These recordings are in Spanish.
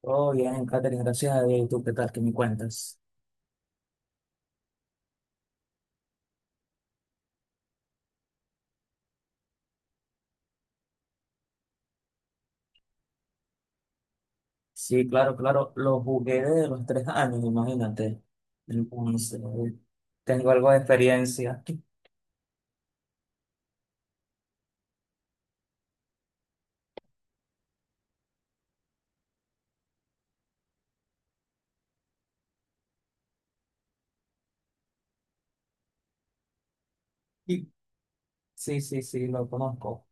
Todo bien, Katherine, gracias a Dios. ¿Y tú qué tal? ¿Qué me cuentas? Sí, claro, claro. Lo jugué desde los 3 años, imagínate. Entonces, tengo algo de experiencia. Y- Sí, sí, sí, lo conozco.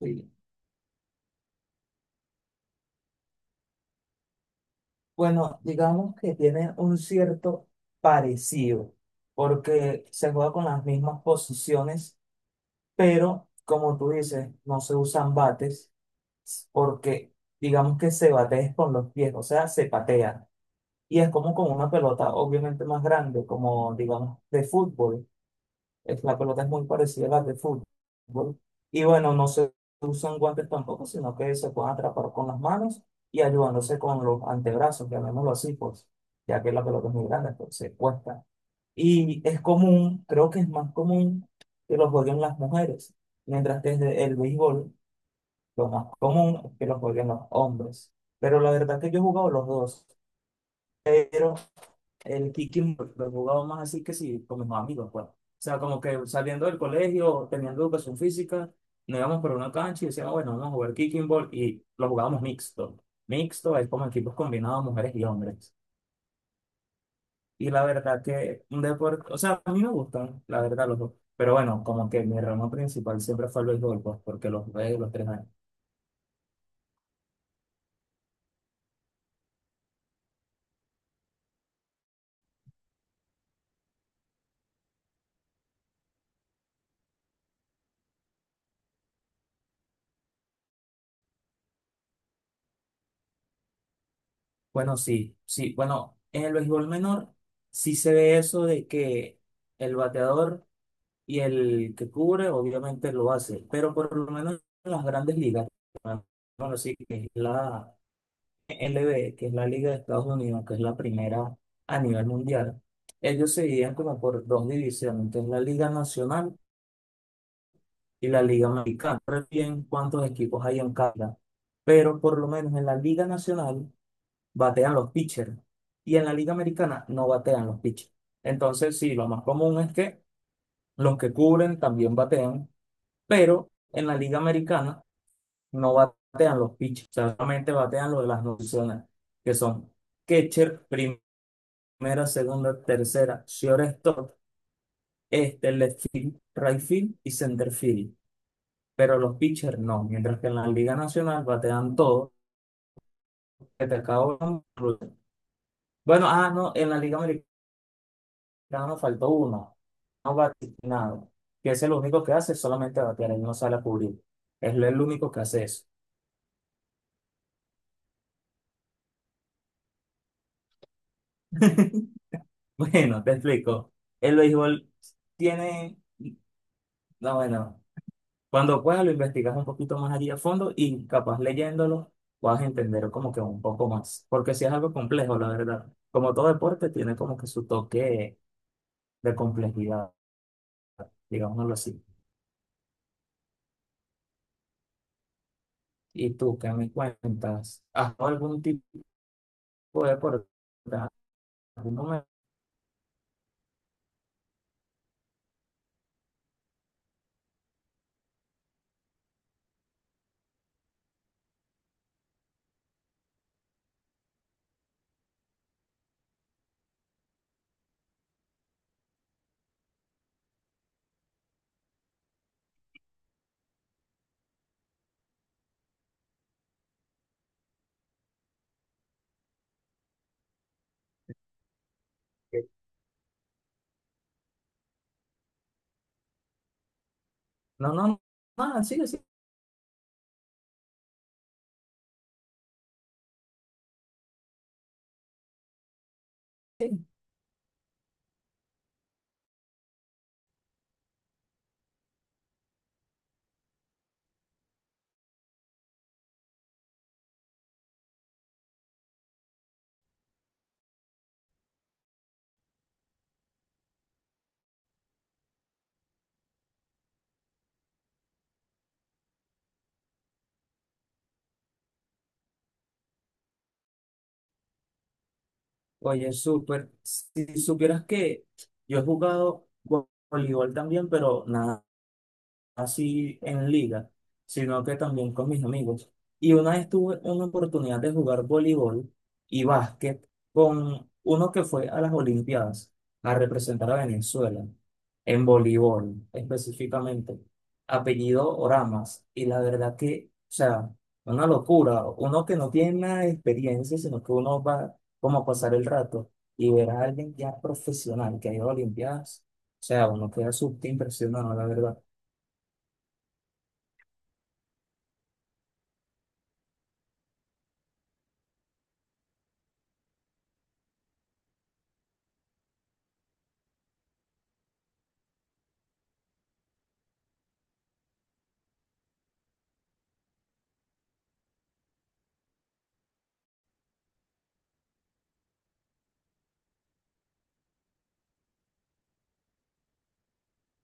Sí. Bueno, digamos que tiene un cierto parecido, porque se juega con las mismas posiciones, pero como tú dices, no se usan bates, porque digamos que se batea es con los pies, o sea, se patea. Y es como con una pelota obviamente más grande, como digamos de fútbol. La pelota es muy parecida a la de fútbol. Y bueno, no se usan guantes tampoco, sino que se pueden atrapar con las manos y ayudándose con los antebrazos, llamémoslo así, pues, ya que la pelota es muy grande, pues se cuesta. Y es común, creo que es más común que lo jueguen las mujeres, mientras que desde el béisbol lo más común es que lo jueguen los hombres. Pero la verdad que yo he jugado los dos, el kicking lo jugaba más así que sí, con mis amigos, pues. O sea, como que saliendo del colegio, teniendo educación física, nos íbamos por una cancha y decíamos, bueno, vamos a jugar kicking ball y lo jugábamos mixto. Mixto es como equipos combinados, mujeres y hombres. Y la verdad que un deporte, o sea, a mí me gustan, la verdad, los dos. Pero bueno, como que mi ramo principal siempre fue el béisbol, pues, porque los jugué los 3 años. Bueno, sí, sí, bueno, en el béisbol menor sí se ve eso de que el bateador y el que cubre obviamente lo hace, pero por lo menos en las grandes ligas, bueno, sí, que es la LB, que es la Liga de Estados Unidos, que es la primera a nivel mundial, ellos se dividían como por dos divisiones, entonces la Liga Nacional y la Liga Americana. No recuerdo bien cuántos equipos hay en cada, pero por lo menos en la Liga Nacional batean los pitchers y en la Liga Americana no batean los pitchers. Entonces, sí, lo más común es que los que cubren también batean, pero en la Liga Americana no batean los pitchers, o sea, solamente batean lo de las nociones, que son catcher, primera, segunda, tercera, shortstop, este, left field, right field y center field. Pero los pitchers no, mientras que en la Liga Nacional batean todos, que te acabo. Bueno, ah, no, en la Liga Americana nos faltó uno, no bate nada, que es el único que hace solamente batear, él no sale a cubrir. Es el único que hace eso. Bueno, te explico. El béisbol tiene, no, bueno, cuando puedas lo investigas un poquito más allí a fondo y capaz leyéndolo vas a entender como que un poco más, porque si es algo complejo, la verdad. Como todo deporte tiene como que su toque de complejidad, digámoslo así. ¿Y tú qué me cuentas? ¿Has jugado algún tipo de deporte? ¿Algún momento? No, no, no, nada, sigue, sigue. Oye, súper. Si supieras que yo he jugado voleibol también, pero nada. Así en liga, sino que también con mis amigos. Y una vez tuve una oportunidad de jugar voleibol y básquet con uno que fue a las Olimpiadas a representar a Venezuela, en voleibol específicamente, apellido Oramas. Y la verdad que, o sea, una locura, uno que no tiene nada de experiencia, sino que uno va como a pasar el rato y ver a alguien ya profesional que ha ido a Olimpiadas. O sea, uno queda súper impresionado, la verdad.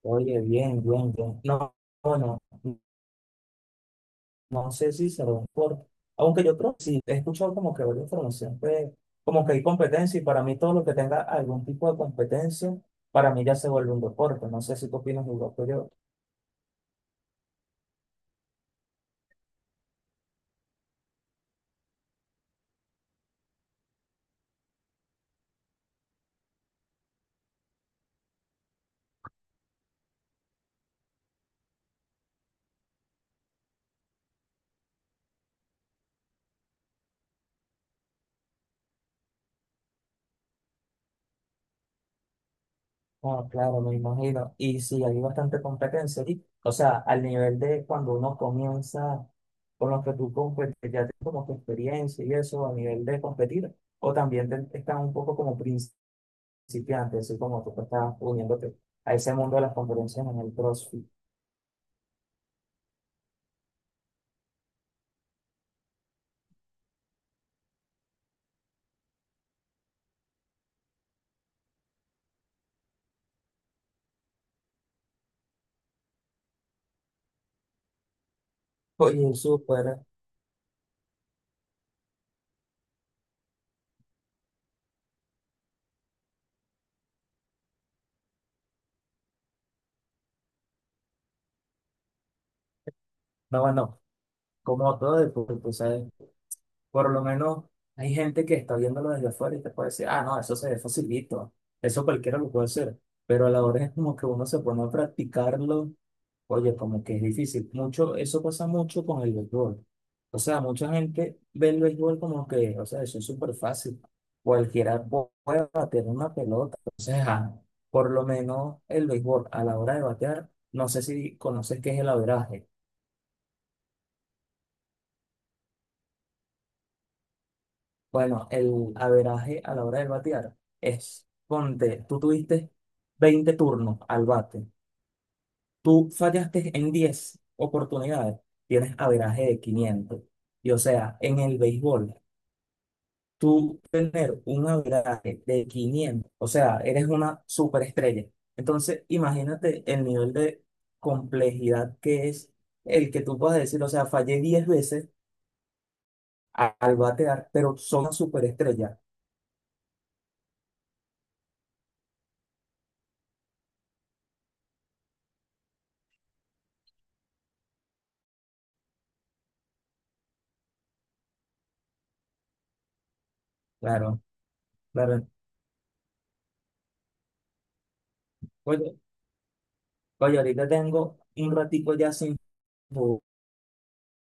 Oye, bien, bien, bien. No, bueno, no sé si se lo por, aunque yo creo que sí, he escuchado como que varias información, que como que hay competencia y para mí todo lo que tenga algún tipo de competencia, para mí ya se vuelve un deporte. No sé si tú opinas igual que yo. Ah, claro, me imagino. Y sí, hay bastante competencia allí. O sea, al nivel de cuando uno comienza con lo que tú competes, ya tienes como que experiencia y eso, a nivel de competir, o también están un poco como principiantes principio así como tú te estabas uniéndote a ese mundo de las conferencias en el CrossFit. Oye, Jesús, fuera. No, bueno, como todo deporte, tú sabes, por lo menos hay gente que está viéndolo desde afuera y te puede decir, ah, no, eso se ve facilito, eso cualquiera lo puede hacer, pero a la hora es como que uno se pone a practicarlo. Oye, como que es difícil. Mucho, eso pasa mucho con el béisbol. O sea, mucha gente ve el béisbol como que, o sea, eso es súper fácil. Cualquiera puede bater una pelota. O sea, por lo menos el béisbol a la hora de batear, no sé si conoces qué es el averaje. Bueno, el averaje a la hora de batear es, ponte, tú tuviste 20 turnos al bate. Tú fallaste en 10 oportunidades. Tienes averaje de 500. Y o sea, en el béisbol, tú tener un averaje de 500, o sea, eres una superestrella. Entonces, imagínate el nivel de complejidad que es el que tú puedas decir, o sea, fallé 10 veces al batear, pero son una superestrella. Claro, claro. Oye, oye, ahorita tengo un ratico ya sin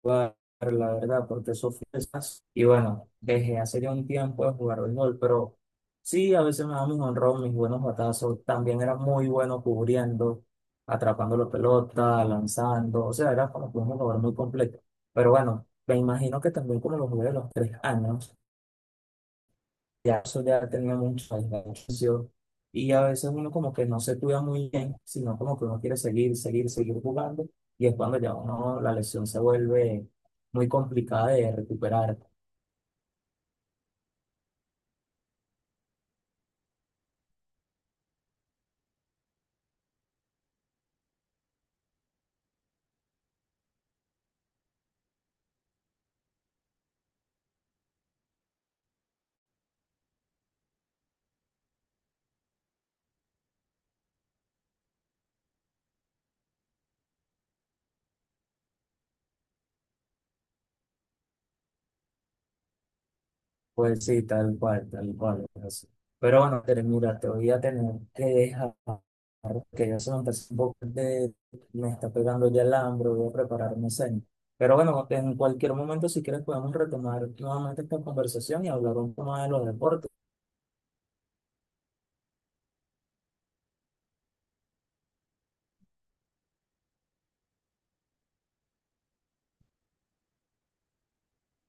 jugar, la verdad, porque eso fue más. Y bueno, dejé hace ya un tiempo de jugar béisbol, pero sí, a veces me daban mis honrón, mis buenos batazos. También era muy bueno cubriendo, atrapando la pelota, lanzando. O sea, era como que un jugador muy completo. Pero bueno, me imagino que también como lo jugué a los 3 años ya eso ya tenía mucho enganchación. Y a veces uno como que no se cuida muy bien, sino como que uno quiere seguir, seguir, seguir jugando. Y es cuando ya uno, la lesión se vuelve muy complicada de recuperar. Pues sí, tal cual, tal cual. Es así. Pero bueno, Tere, mira, te voy a tener que dejar, que ya se me está haciendo un poco de, me está pegando ya el hambre, voy a preparar mi cena. Pero bueno, en cualquier momento, si quieres, podemos retomar nuevamente esta conversación y hablar un poco más de los deportes.